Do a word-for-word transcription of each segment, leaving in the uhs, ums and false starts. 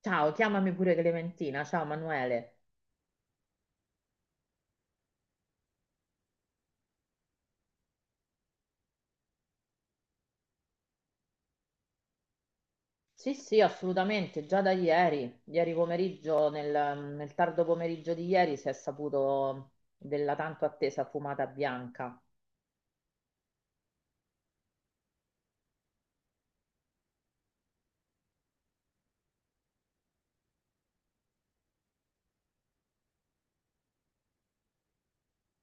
Ciao, chiamami pure Clementina. Ciao Manuele. Sì, sì, assolutamente, già da ieri, ieri pomeriggio, nel, nel tardo pomeriggio di ieri si è saputo della tanto attesa fumata bianca.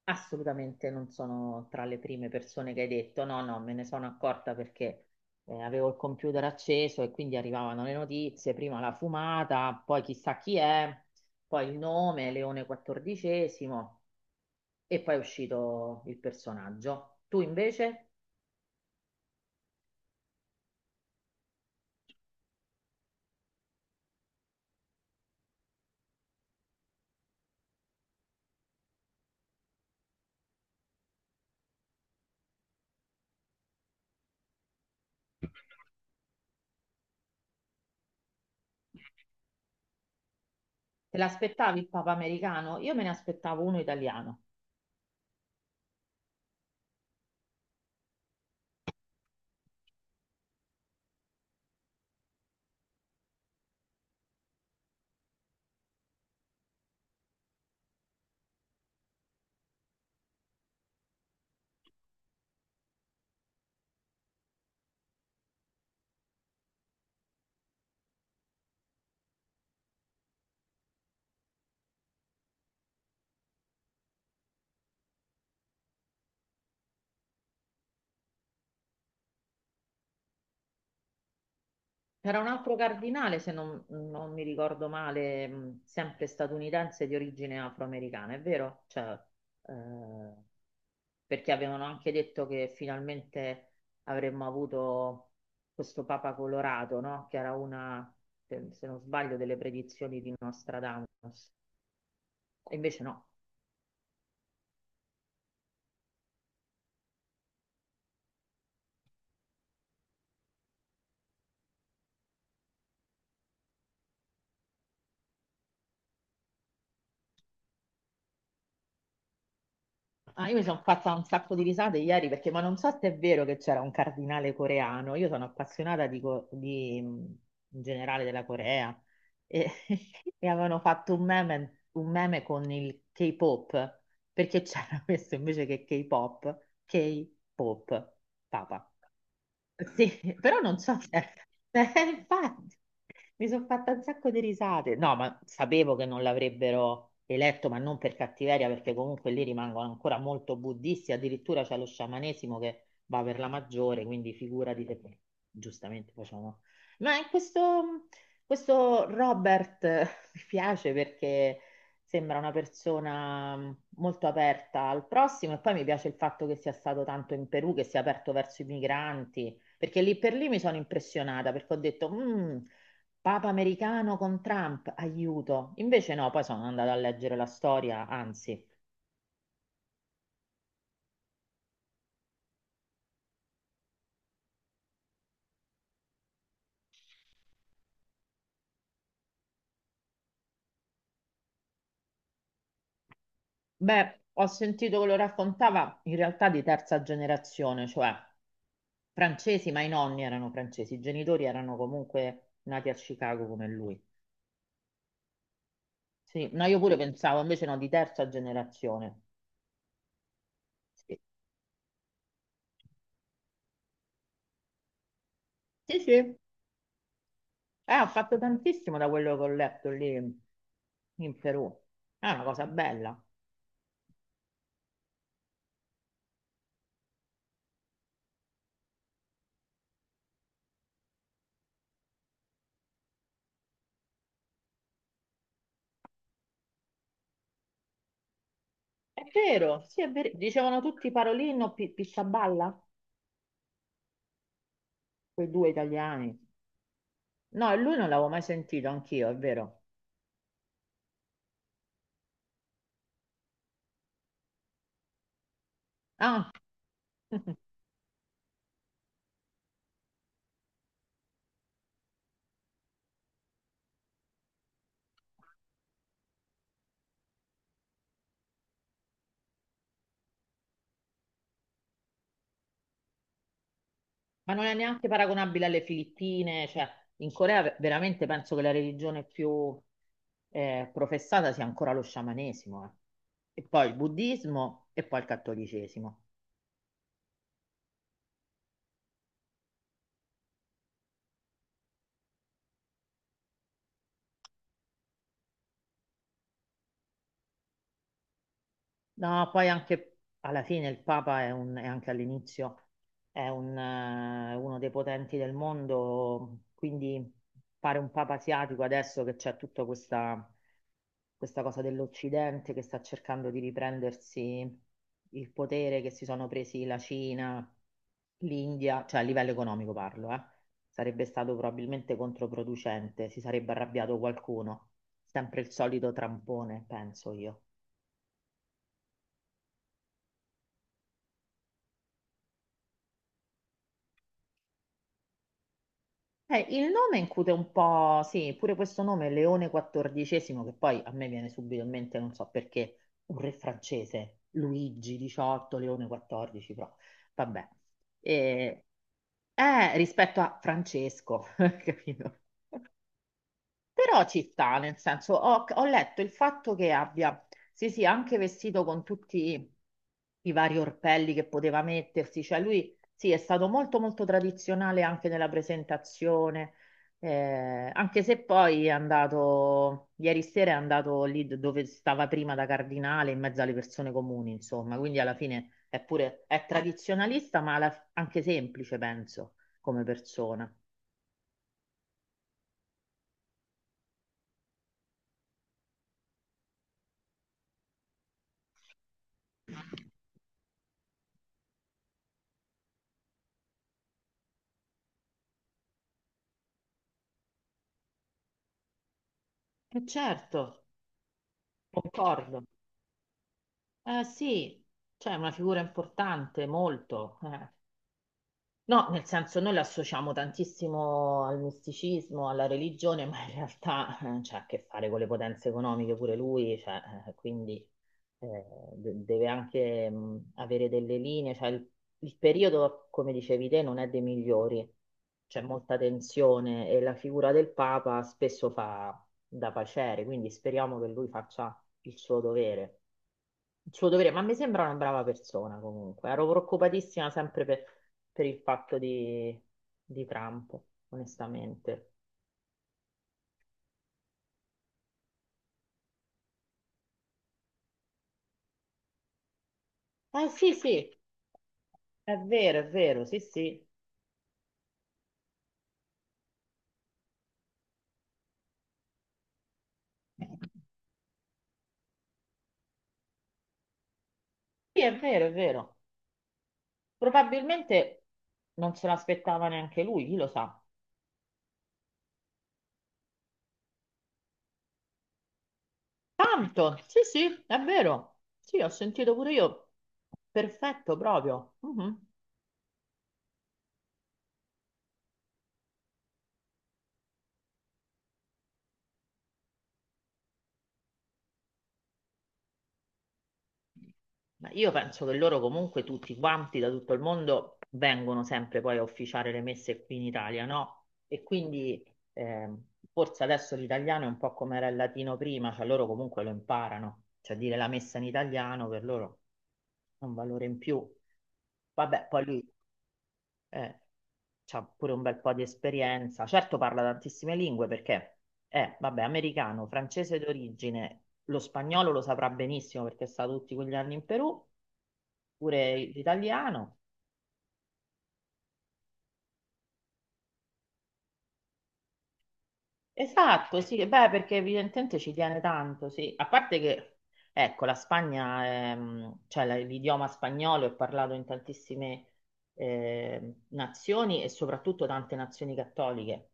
Assolutamente non sono tra le prime persone che hai detto, no, no, me ne sono accorta perché eh, avevo il computer acceso e quindi arrivavano le notizie, prima la fumata, poi chissà chi è, poi il nome, Leone quattordicesimo e poi è uscito il personaggio. Tu invece? Te l'aspettavi il Papa americano? Io me ne aspettavo uno italiano. C'era un altro cardinale, se non, non mi ricordo male, mh, sempre statunitense di origine afroamericana, è vero? Cioè, eh, perché avevano anche detto che finalmente avremmo avuto questo Papa colorato, no? Che era una, se se non sbaglio, delle predizioni di Nostradamus. E invece no. Ah, io mi sono fatta un sacco di risate ieri perché, ma non so se è vero che c'era un cardinale coreano. Io sono appassionata di, co- di, mh, in generale della Corea e, e avevano fatto un meme, un meme con il K-pop, perché c'era questo invece che K-pop, K-pop, papa. Sì, però non so se... Eh, infatti, mi sono fatta un sacco di risate. No, ma sapevo che non l'avrebbero eletto, ma non per cattiveria, perché comunque lì rimangono ancora molto buddisti, addirittura c'è lo sciamanesimo che va per la maggiore, quindi figurati se giustamente facciamo... Ma in questo... Questo Robert mi piace perché sembra una persona mh, molto aperta al prossimo e poi mi piace il fatto che sia stato tanto in Perù, che sia aperto verso i migranti, perché lì per lì mi sono impressionata perché ho detto, "Mm, Papa americano con Trump, aiuto. Invece no, poi sono andata a leggere la storia, anzi, beh, ho sentito che lo raccontava in realtà di terza generazione, cioè Francesi, ma i nonni erano francesi, i genitori erano comunque nati a Chicago come lui. Sì, no, io pure pensavo, invece no, di terza generazione. Sì, sì, sì. Eh, ho fatto tantissimo da quello che ho letto lì in Perù. È una cosa bella. È vero, sì, è vero. Dicevano tutti Parolino, Pi- Pisciaballa, quei due italiani. No, e lui non l'avevo mai sentito, anch'io, è vero. Ah, Ma non è neanche paragonabile alle Filippine, cioè in Corea ve- veramente penso che la religione più eh, professata sia ancora lo sciamanesimo, eh. E poi il buddismo e poi il cattolicesimo. No, poi anche alla fine il Papa è, un, è anche all'inizio è un, eh, uno dei potenti del mondo, quindi fare un Papa asiatico adesso che c'è tutta questa questa cosa dell'Occidente che sta cercando di riprendersi il potere che si sono presi la Cina, l'India, cioè a livello economico parlo, eh. Sarebbe stato probabilmente controproducente, si sarebbe arrabbiato qualcuno. Sempre il solito trampone, penso io. Eh, il nome incute un po', sì, pure questo nome, Leone quattordicesimo, che poi a me viene subito in mente, non so perché, un re francese, Luigi diciottesimo, Leone quattordicesimo, però vabbè. E Eh, rispetto a Francesco, capito? Però ci sta, nel senso, ho, ho letto il fatto che abbia, sì, sì, anche vestito con tutti i vari orpelli che poteva mettersi, cioè lui, sì, è stato molto, molto tradizionale anche nella presentazione, eh, anche se poi è andato, ieri sera è andato lì d- dove stava prima da cardinale, in mezzo alle persone comuni, insomma, quindi alla fine è pure, è tradizionalista, ma alla- anche semplice, penso, come persona. E certo, concordo. Eh sì, cioè è una figura importante, molto. Eh. No, nel senso noi lo associamo tantissimo al misticismo, alla religione, ma in realtà eh, c'ha a che fare con le potenze economiche pure lui, cioè, eh, quindi eh, de- deve anche mh, avere delle linee, cioè il, il periodo, come dicevi te, non è dei migliori, c'è molta tensione e la figura del Papa spesso fa da pacere, quindi speriamo che lui faccia il suo dovere il suo dovere, ma mi sembra una brava persona comunque. Ero preoccupatissima sempre per, per il fatto di, di Trump, onestamente. Eh sì, sì, è vero, è vero, sì, sì. Sì, è vero, è vero. Probabilmente non se l'aspettava neanche lui, chi lo sa. Tanto, sì, sì, è vero. Sì, ho sentito pure io. Perfetto, proprio. Mhm. Ma io penso che loro comunque tutti quanti da tutto il mondo vengono sempre poi a officiare le messe qui in Italia, no? E quindi eh, forse adesso l'italiano è un po' come era il latino prima, cioè loro comunque lo imparano, cioè dire la messa in italiano per loro è un valore in più. Vabbè, poi lui eh, ha pure un bel po' di esperienza, certo parla tantissime lingue perché è, vabbè, americano, francese d'origine, lo spagnolo lo saprà benissimo perché sta tutti quegli anni in Perù, pure l'italiano. Esatto, sì, beh, perché evidentemente ci tiene tanto, sì. A parte che, ecco, la Spagna, è, mh, cioè la- l'idioma spagnolo è parlato in tantissime eh, nazioni e soprattutto tante nazioni cattoliche.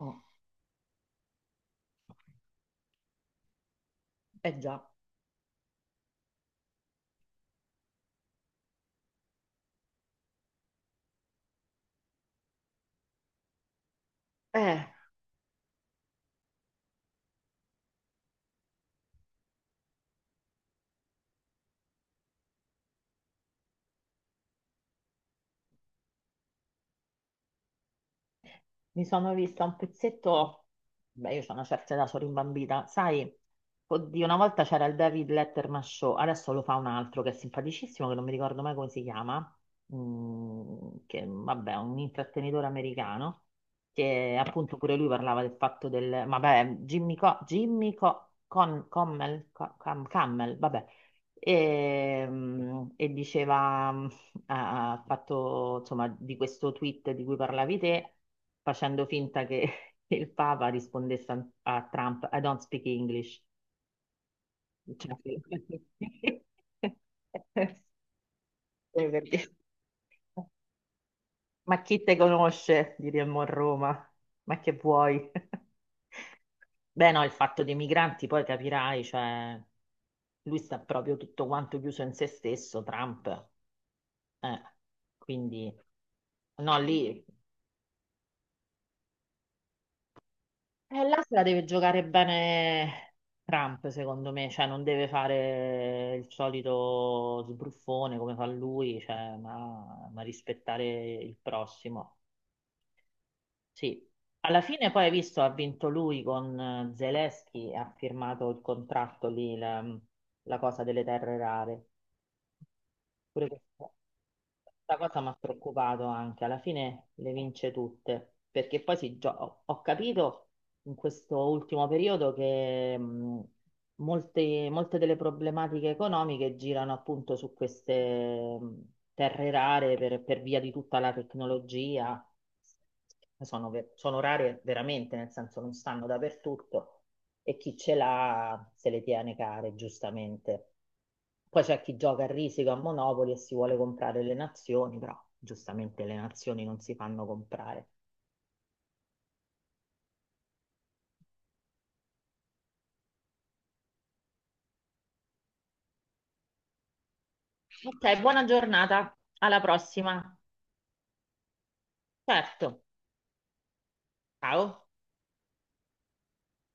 Mm. Eh già. Eh. Mi sono vista un pezzetto, beh, io ho una certa età, sono rimbambita, sai, oddio, una volta c'era il David Letterman Show, adesso lo fa un altro che è simpaticissimo, che non mi ricordo mai come si chiama, mm, che vabbè, è un intrattenitore americano, che appunto pure lui parlava del fatto del, vabbè, Jimmy, Co- Jimmy Co- Con- Commel, Co- Cam- Cammel, vabbè, e, mm, e diceva... mm, ha ha fatto insomma di questo tweet di cui parlavi te, facendo finta che il Papa rispondesse a, a, Trump: I don't speak English. Cioè, eh, per dire, ma chi te conosce? Diremmo a Roma. Ma che vuoi? Beh, no, il fatto dei migranti, poi capirai, cioè, lui sta proprio tutto quanto chiuso in se stesso, Trump. Eh, quindi, no, lì. Eh, là se la deve giocare bene Trump, secondo me, cioè non deve fare il solito sbruffone come fa lui, cioè, ma, ma rispettare il prossimo. Sì, alla fine poi hai visto, ha vinto lui con eh, Zelensky, e ha firmato il contratto lì, la, la cosa delle terre rare. Pure questa questa cosa mi ha preoccupato anche, alla fine le vince tutte, perché poi si gio- ho ho capito in questo ultimo periodo che mh, molte, molte delle problematiche economiche girano appunto su queste mh, terre rare per, per via di tutta la tecnologia, sono, ve- sono rare veramente, nel senso non stanno dappertutto e chi ce l'ha se le tiene care, giustamente. Poi c'è chi gioca a risico a Monopoli e si vuole comprare le nazioni, però giustamente le nazioni non si fanno comprare. Ok, buona giornata, alla prossima. Certo, ciao.